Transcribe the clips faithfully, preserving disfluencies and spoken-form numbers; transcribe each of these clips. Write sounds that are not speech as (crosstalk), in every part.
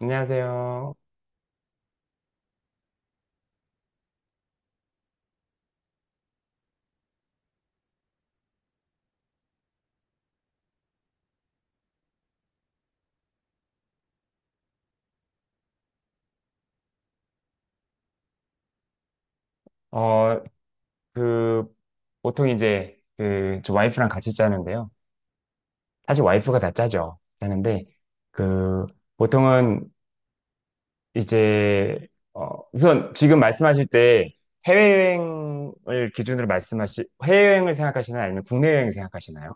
안녕하세요. 어, 그, 보통 이제, 그, 저 와이프랑 같이 짜는데요. 사실 와이프가 다 짜죠. 짜는데, 그, 보통은 이제, 어, 우선 지금 말씀하실 때 해외여행을 기준으로 말씀하시, 해외여행을 생각하시나요? 아니면 국내 여행 생각하시나요?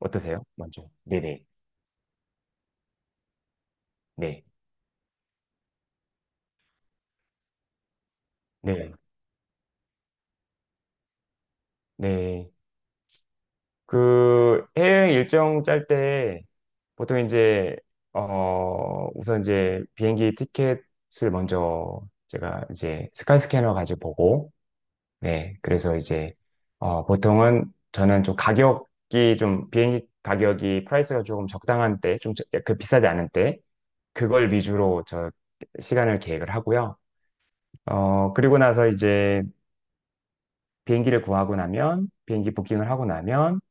어떠세요? 먼저. 네네. 네. 네. 네. 그 해외여행 일정 짤 때 보통 이제 어 우선 이제 비행기 티켓을 먼저 제가 이제 스카이스캐너 가지고 보고 네, 그래서 이제 어 보통은 저는 좀 가격이 좀 비행기 가격이 프라이스가 조금 적당한 때 좀 그 비싸지 않은 때 그걸 위주로 저 시간을 계획을 하고요. 어, 그리고 나서 이제 비행기를 구하고 나면, 비행기 부킹을 하고 나면,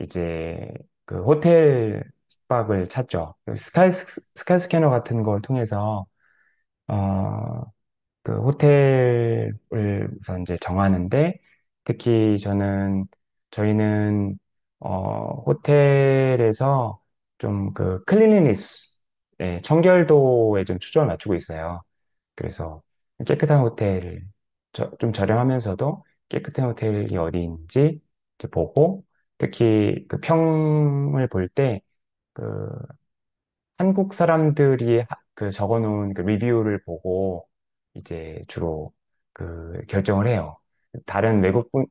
이제 그 호텔 숙박을 찾죠. 그 스카이 스- 스카이 스캐너 같은 걸 통해서 어, 그 호텔을 우선 이제 정하는데 특히 저는 저희는 어, 호텔에서 좀 그 클린리니스, 네, 청결도에 좀 초점을 맞추고 있어요. 그래서 깨끗한 호텔, 저, 좀 저렴하면서도 깨끗한 호텔이 어디인지 이제 보고, 특히 그 평을 볼 때, 그 한국 사람들이 하- 그 적어놓은 그 리뷰를 보고 이제 주로 그 결정을 해요. 다른 외국 분,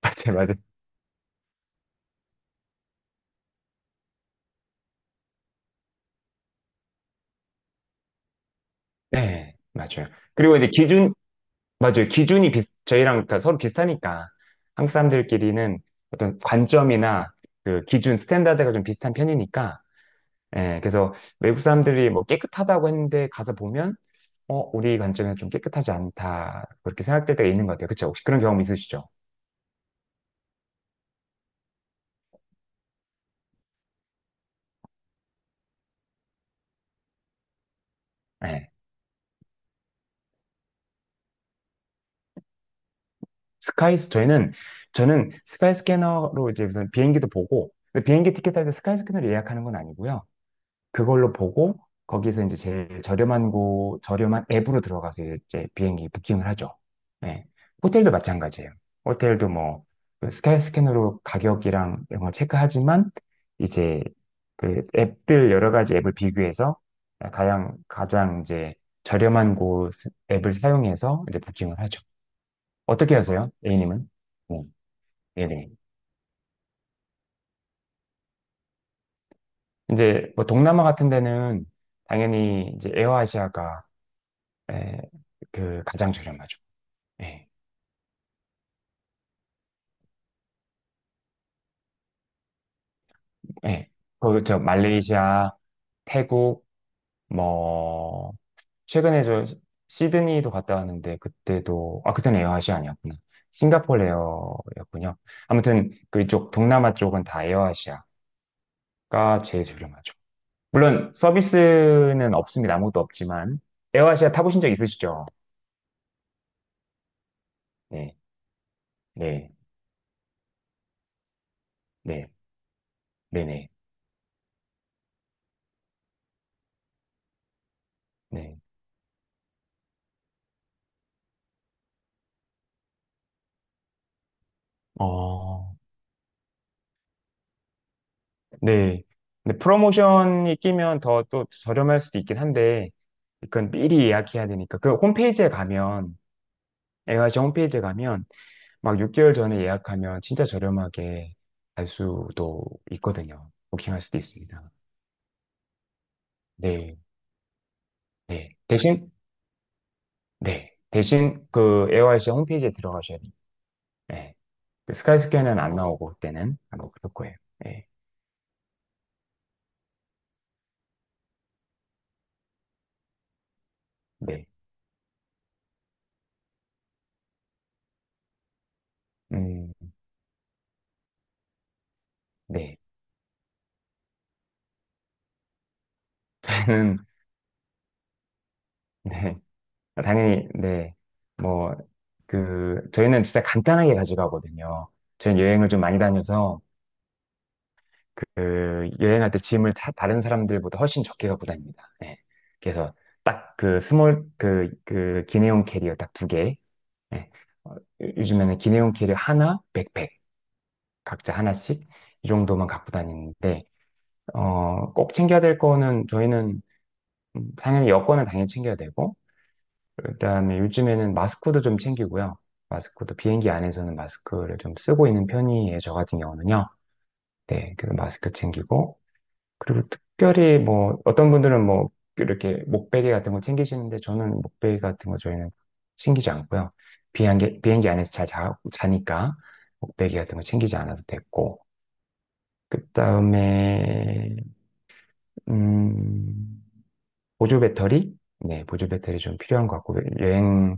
(laughs) 맞아요, 맞아요. 네, 맞아요. 그리고 이제 기준, 맞아요. 기준이 비, 저희랑 그러니까 서로 비슷하니까 한국 사람들끼리는 어떤 관점이나 그 기준, 스탠다드가 좀 비슷한 편이니까 예, 그래서 외국 사람들이 뭐 깨끗하다고 했는데 가서 보면 어, 우리 관점에서 좀 깨끗하지 않다. 그렇게 생각될 때가 있는 것 같아요. 그렇죠? 혹시 그런 경험 있으시죠? 예. 스카이스 저희는 저는 스카이 스캐너로 이제 무슨 비행기도 보고 근데 비행기 티켓 할 때 스카이 스캐너로 예약하는 건 아니고요. 그걸로 보고 거기서 이제 제일 저렴한 곳, 저렴한 앱으로 들어가서 이제 비행기 부킹을 하죠. 네. 호텔도 마찬가지예요. 호텔도 뭐그 스카이 스캐너로 가격이랑 이런 걸 체크하지만 이제 그 앱들 여러 가지 앱을 비교해서 가장 가장 이제 저렴한 곳 앱을 사용해서 이제 부킹을 하죠. 어떻게 하세요? A님은? 네. 네네. 이제 뭐 동남아 같은 데는 당연히 이제 에어아시아가 예, 그 가장 저렴하죠. 예, 예. 그저 말레이시아, 태국, 뭐 최근에 저 시드니도 갔다 왔는데 그때도 아 그때는 에어아시아 아니었구나. 싱가포르 에어였군요. 아무튼 그쪽 동남아 쪽은 다 에어아시아가 제일 저렴하죠. 물론 서비스는 없습니다. 아무것도 없지만 에어아시아 타보신 적 있으시죠? 네, 네, 네, 네, 네, 네. 어, 네. 근데 프로모션이 끼면 더 또 저렴할 수도 있긴 한데, 그건 미리 예약해야 되니까. 그 홈페이지에 가면, a y 시 홈페이지에 가면, 막 육 개월 전에 예약하면 진짜 저렴하게 갈 수도 있거든요. 부킹할 수도 있습니다. 네. 네. 대신, 네. 대신 그 a y 시 홈페이지에 들어가셔야 돼요. 네. 그 스카이스어는안 나오고, 그때는. 아마 그럴 거예요. 네. 네. 음, 네. (laughs) 저는, 네. 아, 당연히, 네. 뭐, 그, 저희는 진짜 간단하게 가져가거든요. 저희는 여행을 좀 많이 다녀서, 그, 여행할 때 짐을 다, 다른 사람들보다 훨씬 적게 갖고 다닙니다. 예. 그래서 딱 그 스몰, 그, 그, 기내용 캐리어 딱 두 개. 예. 어, 요- 요즘에는 기내용 캐리어 하나, 백팩, 각자 하나씩, 이 정도만 갖고 다니는데, 어, 꼭 챙겨야 될 거는 저희는 음, 당연히 여권은 당연히 챙겨야 되고, 그다음에 요즘에는 마스크도 좀 챙기고요. 마스크도 비행기 안에서는 마스크를 좀 쓰고 있는 편이에요. 저 같은 경우는요. 네, 그 마스크 챙기고 그리고 특별히 뭐 어떤 분들은 뭐 이렇게 목베개 같은 거 챙기시는데 저는 목베개 같은 거 저희는 챙기지 않고요. 비행기 비행기 안에서 잘 자, 자니까 목베개 같은 거 챙기지 않아도 됐고 그다음에 음 보조 배터리? 네, 보조 배터리 좀 필요한 것 같고, 여행,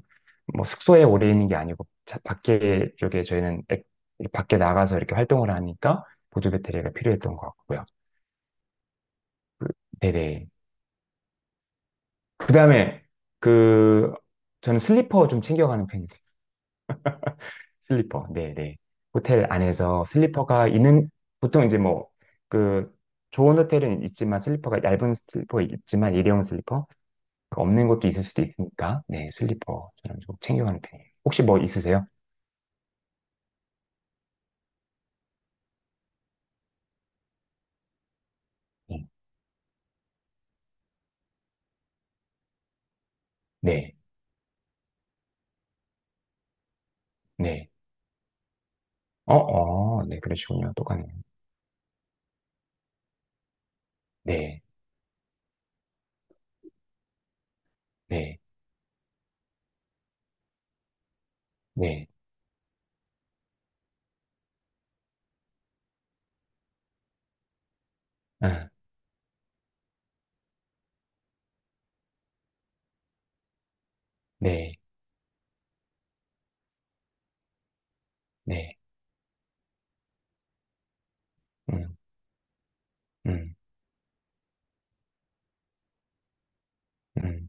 뭐 숙소에 오래 있는 게 아니고, 자- 밖에 쪽에 저희는 액- 밖에 나가서 이렇게 활동을 하니까 보조 배터리가 필요했던 것 같고요. 네네. 그 다음에, 그, 저는 슬리퍼 좀 챙겨가는 편이에요. 슬리퍼, 네네. 호텔 안에서 슬리퍼가 있는, 보통 이제 뭐, 그, 좋은 호텔은 있지만 슬리퍼가 얇은 슬리퍼 있지만 일회용 슬리퍼 그 없는 것도 있을 수도 있으니까, 네, 슬리퍼 저는 좀 챙겨가는 편이에요. 혹시 뭐 있으세요? 네, 네, 네. 어, 어, 네, 그러시군요. 똑같네요. 네, 네, 네, 아, 네, 네, 음, 음, 음,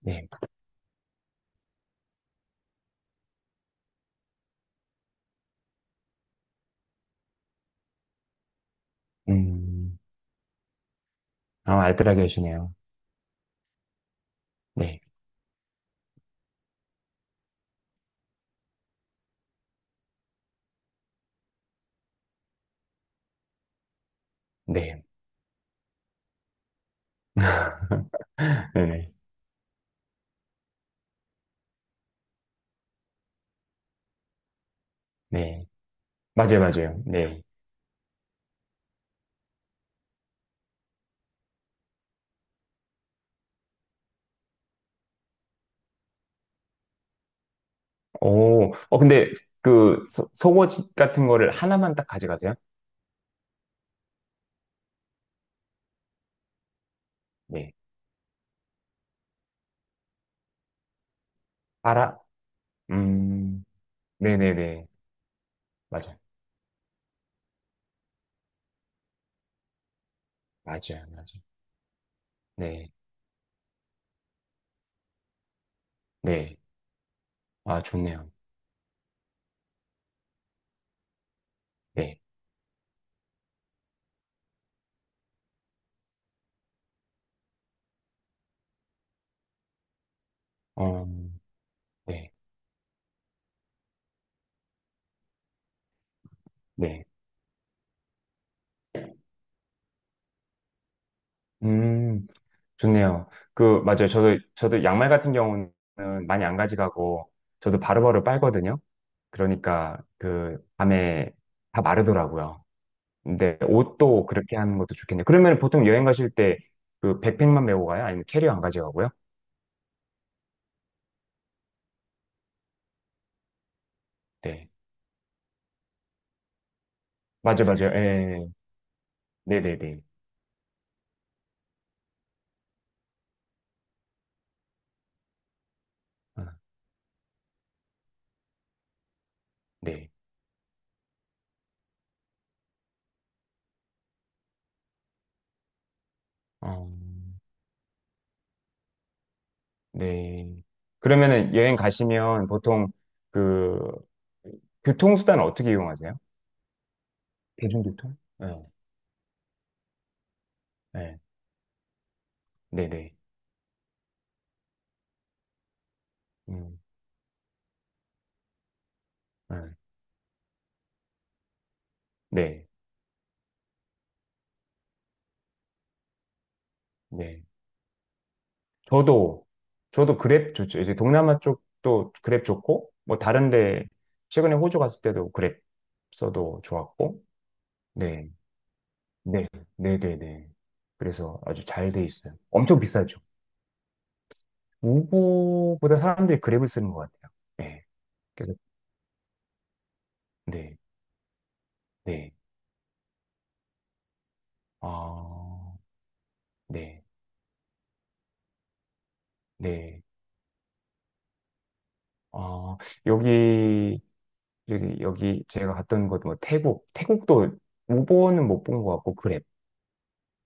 네, 음, 아, 알뜰하게 하시네요. 네, 네. (laughs) 네네. 네. 맞아요, 맞아요. 네. 오, 어, 근데 그 소- 속옷 같은 거를 하나만 딱 가져가세요? 네. 알아? 음, 네네네. 맞아요. 맞아요, 맞아요. 네, 네. 아, 좋네요. 네. 어, 네, 네. 음, 좋네요. 그, 맞아요. 저도, 저도 양말 같은 경우는 많이 안 가져가고, 저도 바로바로 빨거든요. 그러니까, 그, 밤에 다 마르더라고요. 근데 옷도 그렇게 하는 것도 좋겠네요. 그러면 보통 여행 가실 때, 그, 백팩만 메고 가요? 아니면 캐리어 안 가져가고요? 네. 맞아요, 맞아요. 예, 네, 네, 네. 아, 네. 어, 네. 그러면은 여행 가시면 보통 그 교통수단 어떻게 이용하세요? 대중교통? 네. 네. 네네. 음, 네. 네. 네. 저도, 저도 그랩 좋죠. 이제 동남아 쪽도 그랩 좋고, 뭐 다른데, 최근에 호주 갔을 때도 그랩 써도 좋았고, 네. 네. 네네네. 그래서 아주 잘 돼 있어요. 엄청 비싸죠. 우버보다 사람들이 그랩을 쓰는 것 같아요. 네. 그래서, 네. 네. 아, 네, 네. 아, 여기, 여기, 여기 제가 갔던 곳, 뭐, 태국. 태국도 우버는 못 본 것 같고, 그랩.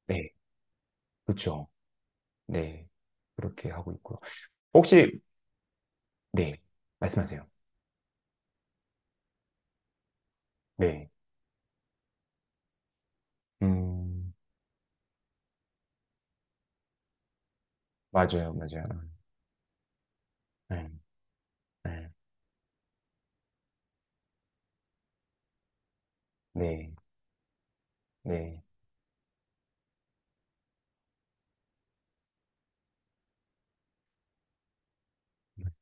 네, 그렇죠. 네. 그렇게 하고 있고요. 혹시, 네, 말씀하세요. 네. 음, 맞아요, 맞아요. 네, 네, 네. 네.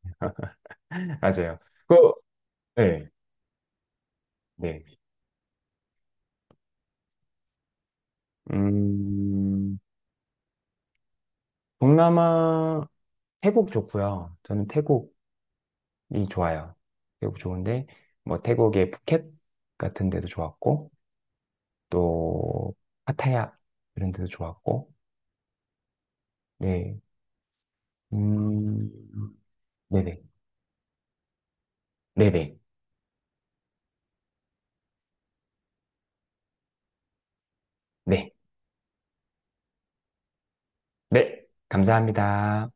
(laughs) 맞아요. 그, 네, 네. 음, 동남아, 태국 좋고요. 저는 태국 이 좋아요. 태국 좋은데 뭐 태국의 푸켓 같은 데도 좋았고 또 파타야 이런 데도 좋았고 네. 음. 네네. 네네. 네. 네. 감사합니다.